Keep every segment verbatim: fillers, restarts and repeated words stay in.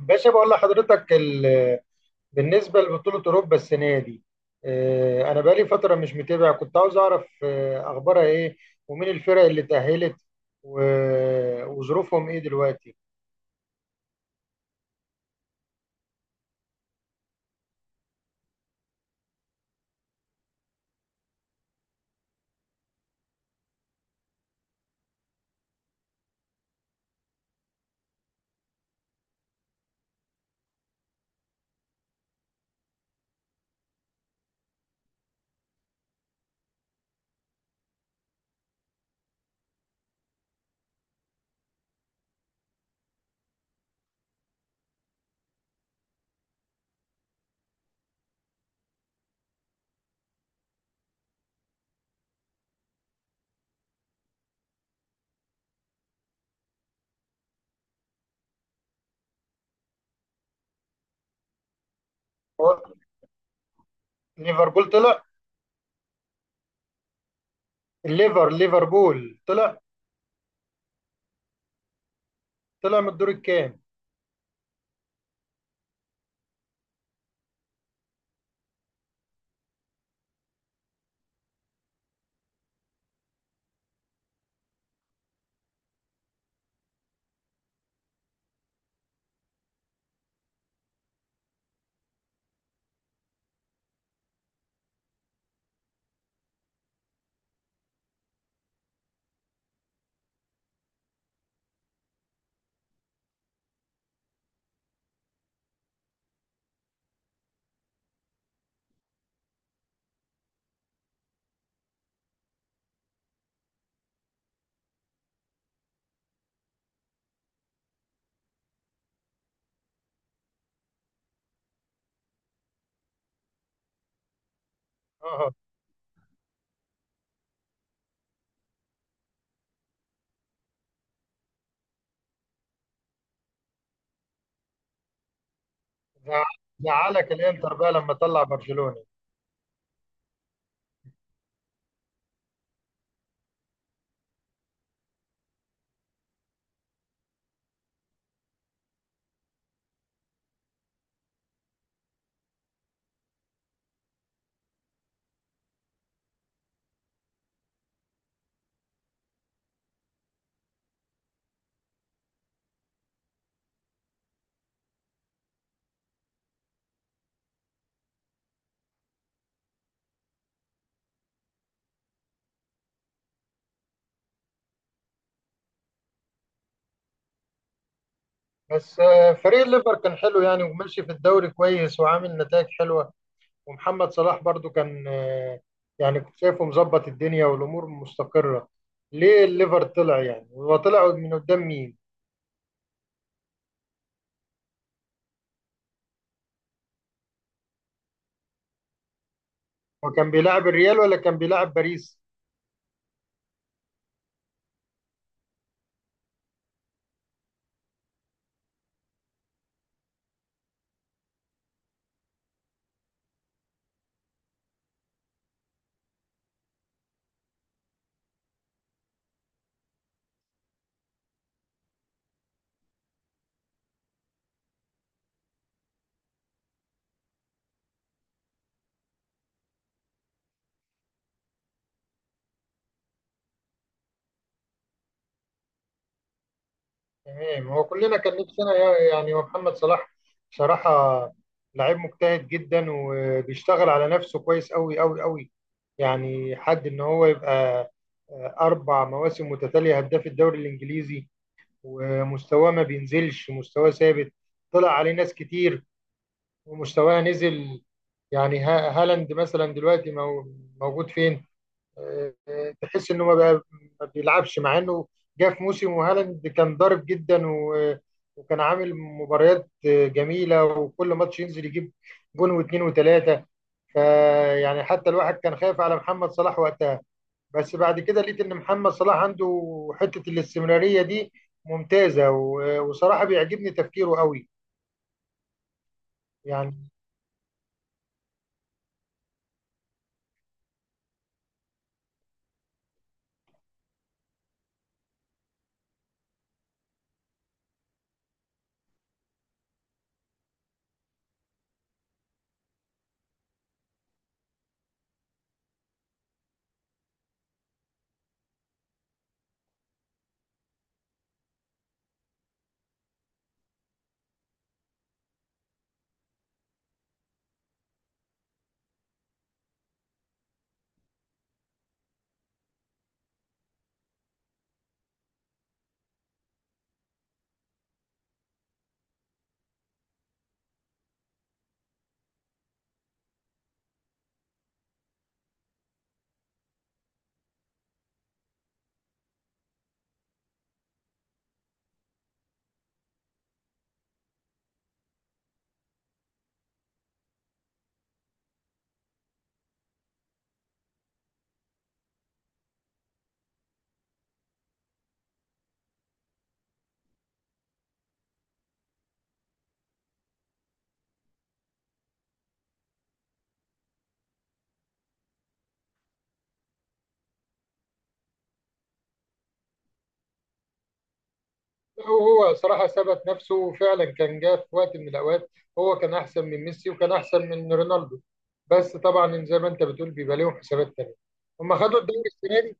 باشا بقول لحضرتك ال- بالنسبة لبطولة أوروبا السنة دي. آه، أنا بقالي فترة مش متابع، كنت عاوز أعرف آه، أخبارها إيه، ومين الفرق اللي تأهلت و- وظروفهم إيه دلوقتي. هو ليفربول طلع. الليفر ليفربول طلع، طلع من الدور الكام؟ اه. زع- زعلك الإنتر بقى لما طلع برشلونة؟ بس آه، فريق الليفر كان حلو يعني، وماشي في الدوري كويس وعامل نتائج حلوة، ومحمد صلاح برضو كان آه، يعني كنت شايفه مظبط الدنيا والامور مستقره. ليه الليفر طلع؟ يعني هو طلع من قدام مين؟ هو كان بيلعب الريال ولا كان بيلعب باريس؟ تمام. هو كلنا كان نفسنا، يا- يعني هو محمد صلاح بصراحه لعيب مجتهد جدا وبيشتغل على نفسه كويس قوي قوي قوي. يعني حد ان هو يبقى آه، اربع مواسم متتاليه هداف الدوري الانجليزي، ومستواه ما بينزلش، مستواه ثابت. طلع عليه ناس كتير ومستواه نزل، يعني ها- هالاند مثلا دلوقتي مو- موجود فين؟ آه، آه، تحس انه ما بقى- ما بيلعبش، مع انه جه في موسم وهالاند كان ضارب جدا، و- وكان عامل مباريات آه، جميله، وكل ماتش ينزل يجيب جون واثنين وثلاثه. فيعني حتى الواحد كان خايف على محمد صلاح وقتها، بس بعد كده لقيت ان محمد صلاح عنده حته الاستمراريه دي ممتازه، و- وصراحه بيعجبني تفكيره قوي يعني. هو صراحة ثبت نفسه فعلا، كان جه في وقت من الأوقات هو كان أحسن من ميسي وكان أحسن من رونالدو، بس طبعا زي ما أنت بتقول بيبقى لهم حسابات تانية. هم خدوا الدوري السنة دي.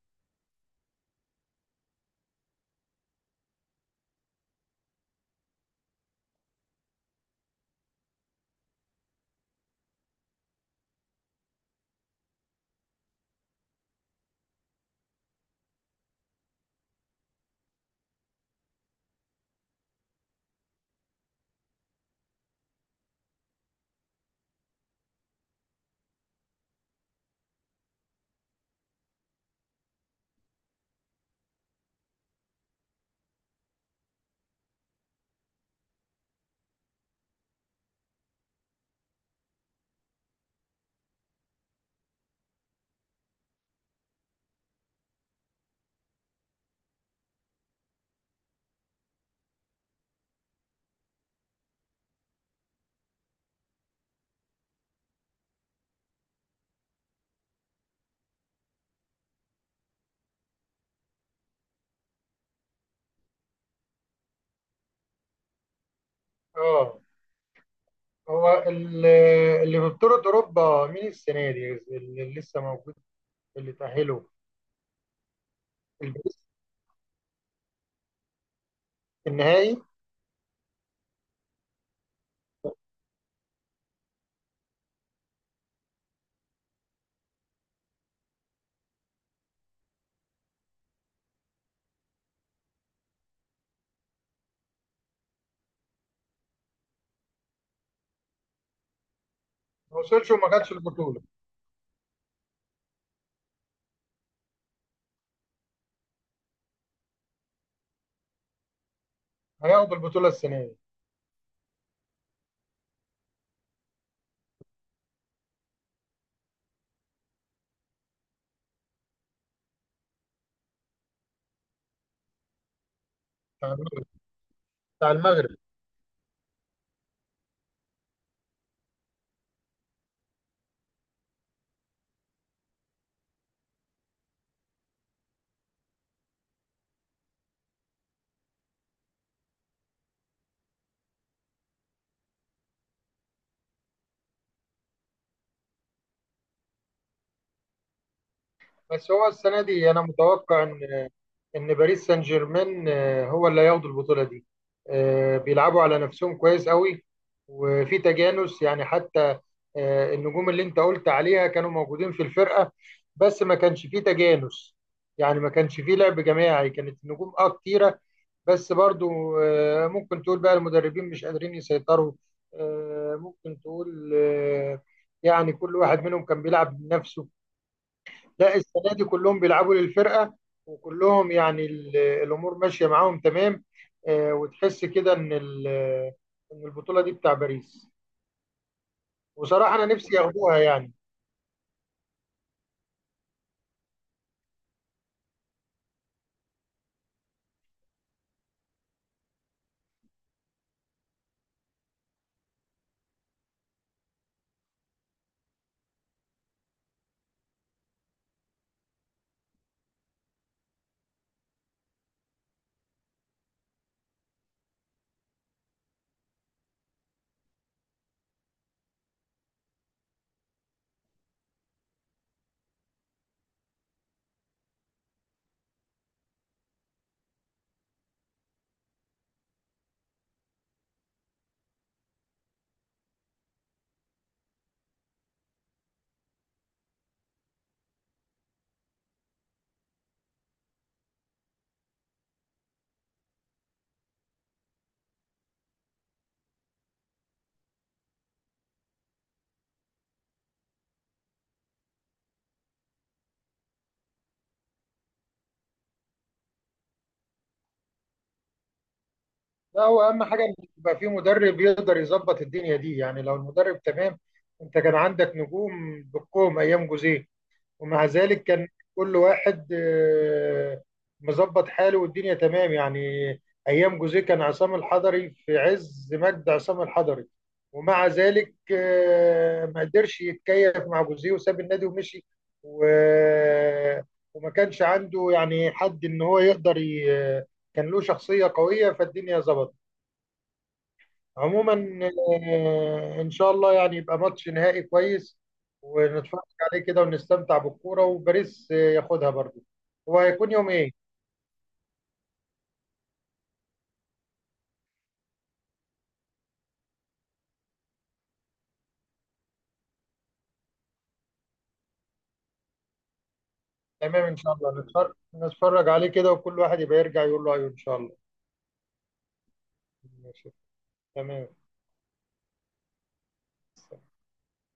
اه، هو ال- اللي في بطولة أوروبا مين السنة دي اللي لسه موجود، اللي تأهلوا؟ الباريس في النهائي. ما وصلش وما خدش البطولة؟ هياخد البطولة السنة دي. بتاع المغرب. بتاع المغرب. بس هو السنة دي أنا متوقع إن ان باريس سان جيرمان آه، هو اللي هياخد البطوله دي. آه، بيلعبوا على نفسهم كويس قوي، وفي تجانس. يعني حتى آه، النجوم اللي انت قلت عليها كانوا موجودين في الفرقه، بس ما كانش فيه تجانس. يعني ما كانش فيه لعب جماعي، كانت النجوم اه كتيره، بس برضو آه، ممكن تقول بقى المدربين مش قادرين يسيطروا. آه، ممكن تقول آه، يعني كل واحد منهم كان بيلعب بنفسه. لا، السنه دي كلهم بيلعبوا للفرقه، وكلهم يعني ال- الامور ماشيه معاهم تمام. آه، وتحس كده ان ال- ان البطوله دي بتاع باريس، وصراحه انا نفسي ياخدوها يعني. لا، هو اهم حاجه ان يبقى في مدرب يقدر يظبط الدنيا دي، يعني لو المدرب تمام. انت كان عندك نجوم بالكوم ايام جوزيه، ومع ذلك كان كل واحد آه، مظبط حاله والدنيا تمام يعني. ايام جوزيه كان عصام الحضري في عز مجد عصام الحضري، ومع ذلك آه، ما قدرش يتكيف مع جوزيه وساب النادي ومشي. و- آه، وما كانش عنده يعني حد ان هو يقدر ي- آه، كان له شخصية قوية فالدنيا ظبطت. عموما آه، ان شاء الله يعني يبقى ماتش نهائي كويس، ونتفرج عليه كده ونستمتع بالكوره، وباريس آه، ياخدها برضو. هو هيكون يوم ايه؟ تمام، ان شاء الله نتفرج، نتفرج عليه كده، وكل واحد يبقى يرجع يقول له ايوه ان شاء الله. ماشي. تمام.